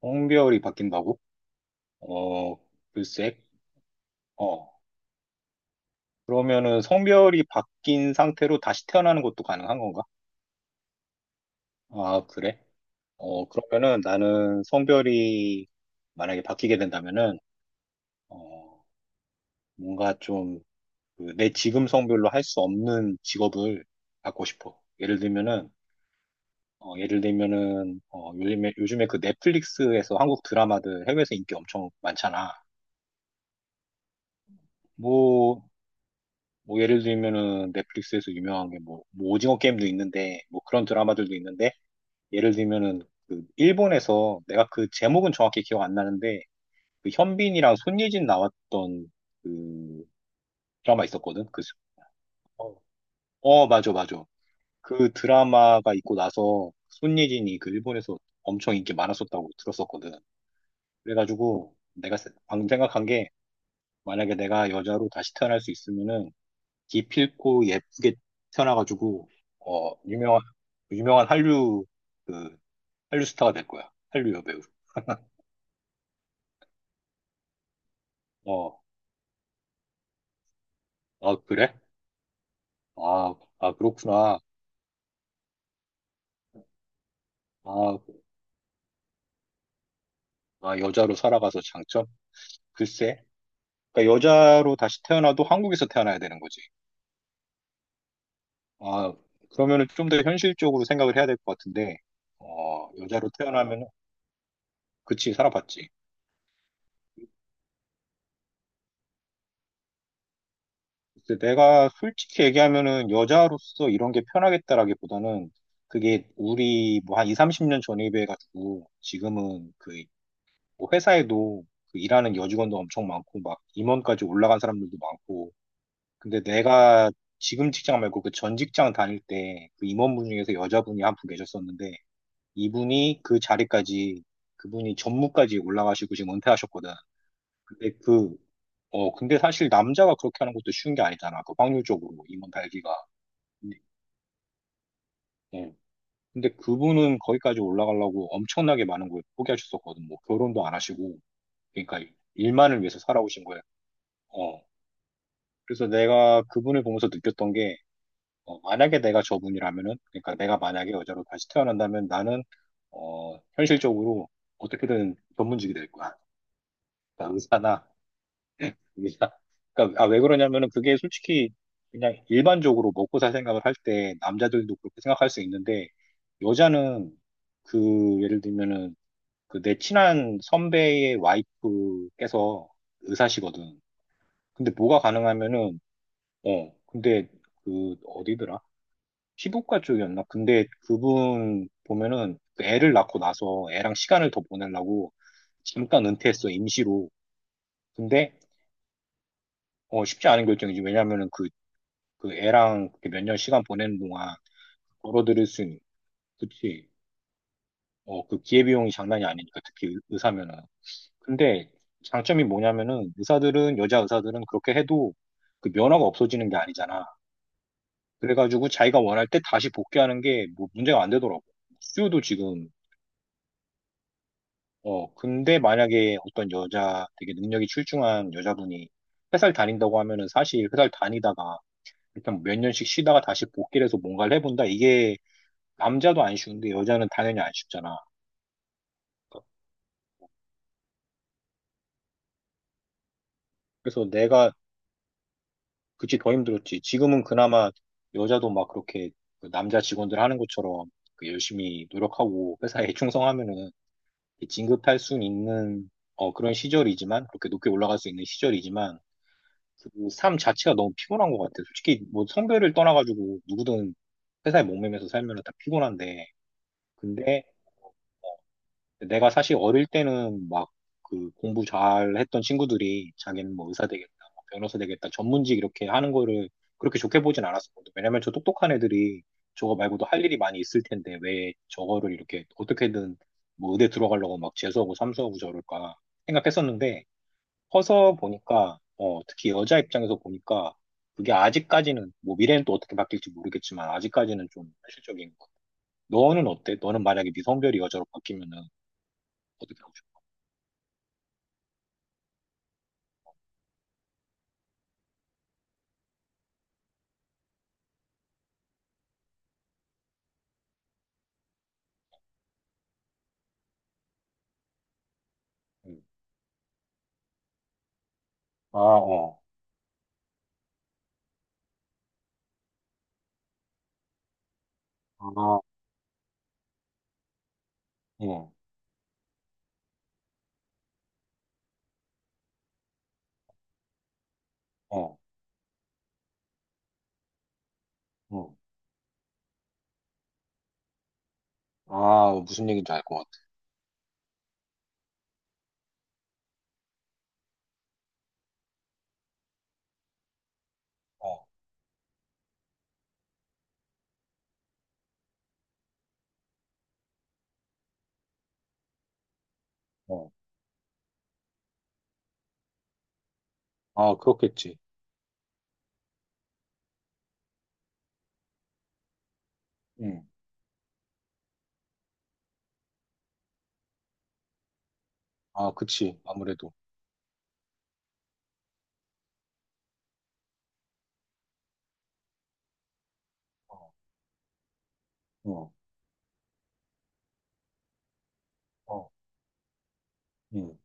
성별이 바뀐다고? 어, 글쎄. 어, 그러면은 성별이 바뀐 상태로 다시 태어나는 것도 가능한 건가? 아, 그래? 어, 그러면은 나는 성별이 만약에 바뀌게 된다면은, 어, 뭔가 좀, 그, 내 지금 성별로 할 수 없는 직업을 갖고 싶어. 예를 들면은, 어, 예를 들면은, 어, 요즘에 그 넷플릭스에서 한국 드라마들 해외에서 인기 엄청 많잖아. 뭐, 뭐 예를 들면은 넷플릭스에서 유명한 게 뭐, 뭐 오징어 게임도 있는데 뭐 그런 드라마들도 있는데 예를 들면은 그 일본에서 내가 그 제목은 정확히 기억 안 나는데 그 현빈이랑 손예진 나왔던 그 드라마 있었거든. 어, 어, 맞아 맞아. 그 드라마가 있고 나서 손예진이 그 일본에서 엄청 인기 많았었다고 들었었거든. 그래가지고 내가 방금 생각한 게 만약에 내가 여자로 다시 태어날 수 있으면은 기필코 예쁘게 태어나가지고 어 유명한 유명한 한류 그 한류 스타가 될 거야. 한류 여배우. 어, 아 그래. 아 그렇구나. 아, 아 여자로 살아가서 장점. 글쎄, 그러니까 여자로 다시 태어나도 한국에서 태어나야 되는 거지. 아, 그러면은 좀 더 현실적으로 생각을 해야 될 것 같은데. 어, 여자로 태어나면 그치 살아봤지. 글쎄, 내가 솔직히 얘기하면은 여자로서 이런 게 편하겠다라기보다는 그게 우리 뭐 한 2, 30년 전에 비해가지고 지금은 그뭐 회사에도 그 일하는 여직원도 엄청 많고 막 임원까지 올라간 사람들도 많고, 근데 내가 지금 직장 말고 그 전 직장 다닐 때 그 임원분 중에서 여자분이 한 분 계셨었는데 이분이 그 자리까지, 그분이 전무까지 올라가시고 지금 은퇴하셨거든. 근데 그, 어, 근데 사실 남자가 그렇게 하는 것도 쉬운 게 아니잖아. 그 확률적으로, 임원 달기가. 근데 예. 근데 그분은 거기까지 올라가려고 엄청나게 많은 걸 포기하셨었거든. 뭐, 결혼도 안 하시고. 그러니까 일만을 위해서 살아오신 거예요. 어. 그래서 내가 그분을 보면서 느꼈던 게, 어, 만약에 내가 저분이라면은, 그러니까 내가 만약에 여자로 다시 태어난다면 나는, 어, 현실적으로 어떻게든 전문직이 될 거야. 그러니까 의사나, 이게 다- 그러니까 아, 왜 그러냐면은 그게 솔직히 그냥 일반적으로 먹고 살 생각을 할 때 남자들도 그렇게 생각할 수 있는데 여자는 그 예를 들면은 그 내 친한 선배의 와이프께서 의사시거든. 근데 뭐가 가능하면은 어 근데 그 어디더라? 피부과 쪽이었나? 근데 그분 보면은 그 애를 낳고 나서 애랑 시간을 더 보내려고 잠깐 은퇴했어, 임시로. 근데 어, 쉽지 않은 결정이지. 왜냐면은 그 애랑 몇 년 시간 보내는 동안 벌어들일 수 있는, 특히, 어, 그 기회비용이 장난이 아니니까, 특히 의사면은. 근데 장점이 뭐냐면은 의사들은, 여자 의사들은 그렇게 해도 그 면허가 없어지는 게 아니잖아. 그래가지고 자기가 원할 때 다시 복귀하는 게 뭐 문제가 안 되더라고. 수요도 지금, 어, 근데 만약에 어떤 여자, 되게 능력이 출중한 여자분이 회사를 다닌다고 하면은 사실 회사를 다니다가 일단 뭐 몇 년씩 쉬다가 다시 복귀를 해서 뭔가를 해본다. 이게 남자도 안 쉬운데 여자는 당연히 안 쉽잖아. 그래서 내가 그치 더 힘들었지. 지금은 그나마 여자도 막 그렇게 그 남자 직원들 하는 것처럼 그 열심히 노력하고 회사에 충성하면은 진급할 수 있는, 어, 그런 시절이지만 그렇게 높게 올라갈 수 있는 시절이지만 그 삶 자체가 너무 피곤한 것 같아. 솔직히 뭐 성별을 떠나가지고 누구든 회사에 목매면서 살면은 다 피곤한데 근데 내가 사실 어릴 때는 막 그 공부 잘 했던 친구들이 자기는 뭐 의사 되겠다, 뭐 변호사 되겠다, 전문직 이렇게 하는 거를 그렇게 좋게 보진 않았었거든. 왜냐면 저 똑똑한 애들이 저거 말고도 할 일이 많이 있을 텐데 왜 저거를 이렇게 어떻게든 뭐 의대 들어가려고 막 재수하고 삼수하고 저럴까 생각했었는데 커서 보니까 어, 특히 여자 입장에서 보니까 그게 아직까지는 뭐 미래는 또 어떻게 바뀔지 모르겠지만 아직까지는 좀 현실적인 것 같아. 너는 어때? 너는 만약에 미성별이 여자로 바뀌면은 어떻게 하고 싶어? 음. 아, 어. 아, 어, 어, 어. 아, 무슨 얘기인지 알 것 같아. 어, 어. 아, 그렇겠지. 응. 아, 그치. 아무래도. 어, 어, 어, 응,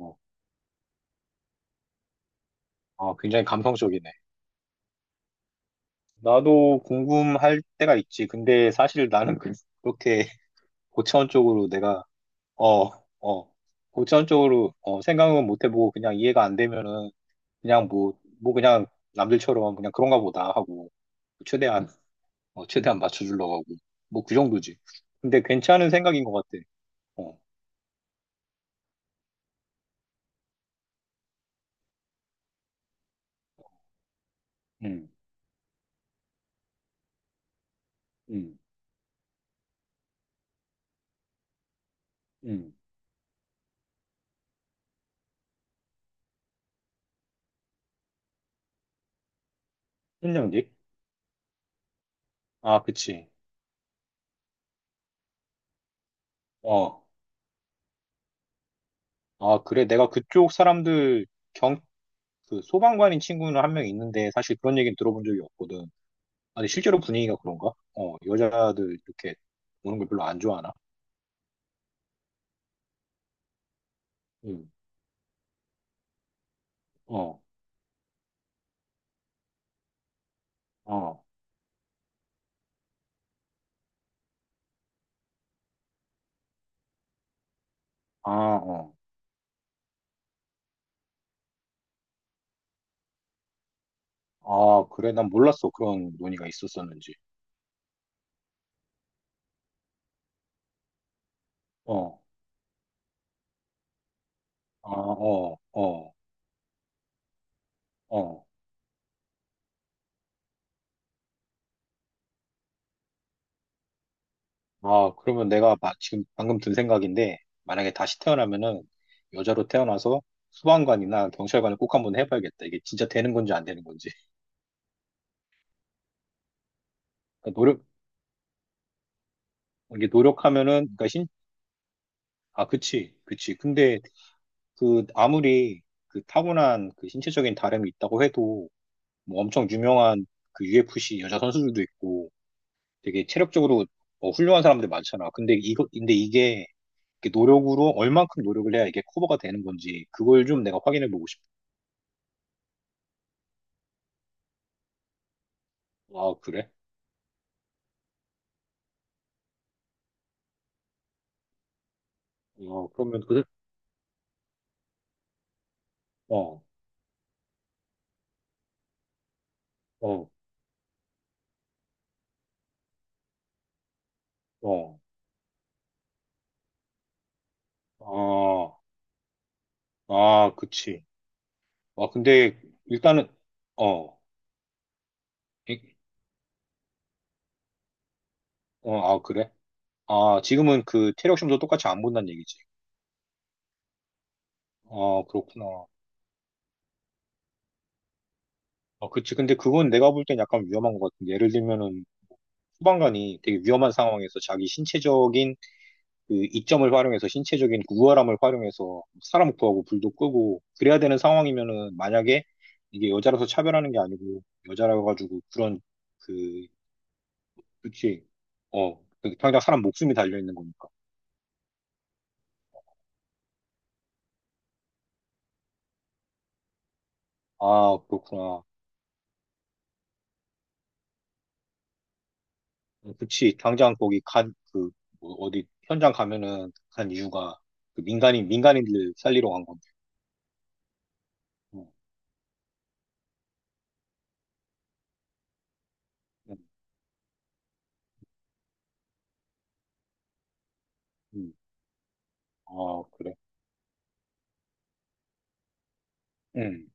어. 아, 굉장히 감성적이네. 나도 궁금할 때가 있지. 근데 사실 나는 그렇게 고차원 쪽으로 내가, 어, 어, 고차원 쪽으로, 어, 생각은 못 해보고 그냥 이해가 안 되면은 그냥 뭐 그냥 남들처럼 그냥 그런가 보다 하고 최대한 어, 최대한 맞춰주려고 하고. 뭐, 그 정도지. 근데 괜찮은 생각인 것 같아. 어, 음, 음, 음. 1년 뒤? 아, 그치. 어, 아, 그래. 내가 그쪽 사람들 경, 그 소방관인 친구는 한 명 있는데 사실 그런 얘기는 들어본 적이 없거든. 아니, 실제로 분위기가 그런가? 어, 여자들 이렇게 오는 걸 별로 안 좋아하나? 응, 어, 어, 아, 어. 아, 그래. 난 몰랐어. 그런 논의가 있었었는지. 어, 아, 어, 어, 어. 아, 그러면 지금 방금 든 생각인데, 만약에 다시 태어나면은 여자로 태어나서 소방관이나 경찰관을 꼭 한번 해봐야겠다. 이게 진짜 되는 건지 안 되는 건지. 그러니까 노력, 이게 노력하면은, 그러니까 신, 아, 그치, 그치. 근데 그 아무리 그 타고난 그 신체적인 다름이 있다고 해도 뭐 엄청 유명한 그 UFC 여자 선수들도 있고 되게 체력적으로 어, 훌륭한 사람들 많잖아. 근데 이게 이렇게 노력으로 얼만큼 노력을 해야 이게 커버가 되는 건지 그걸 좀 내가 확인해 보고 싶어. 아, 그래? 어, 그러면, 그, 어, 어, 어, 아, 아, 그치. 아, 근데, 일단은, 어, 이- 어, 아, 그래? 아, 지금은 그 체력 시험도 똑같이 안 본다는 얘기지. 아, 그렇구나. 아, 그치. 근데 그건 내가 볼 땐 약간 위험한 것 같은데. 예를 들면은, 소방관이 되게 위험한 상황에서 자기 신체적인 그 이점을 활용해서 신체적인 우월함을 활용해서 사람 구하고 불도 끄고 그래야 되는 상황이면은, 만약에 이게 여자라서 차별하는 게 아니고 여자라 가지고 그런 그 그치 어 그 당장 사람 목숨이 달려 있는 거니까. 아, 그렇구나. 어, 그치. 당장 거기 간 그 어디 현장 가면은 간 이유가 그 민간인들 살리러 간 건데. 어, 음, 음. 아 그래. 음.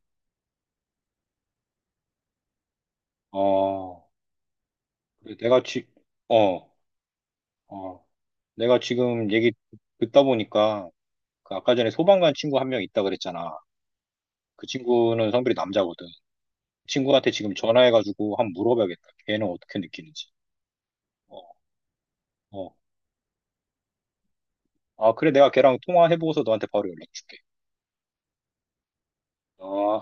아 그래. 내가 지어 어, 내가 지금 얘기 듣다 보니까 그 아까 전에 소방관 친구 한 명 있다 그랬잖아. 그 친구는 성별이 남자거든. 그 친구한테 지금 전화해가지고 한번 물어봐야겠다. 걔는 어떻게 느끼는지. 어, 어. 아, 그래, 내가 걔랑 통화해보고서 너한테 바로 연락 줄게. 어.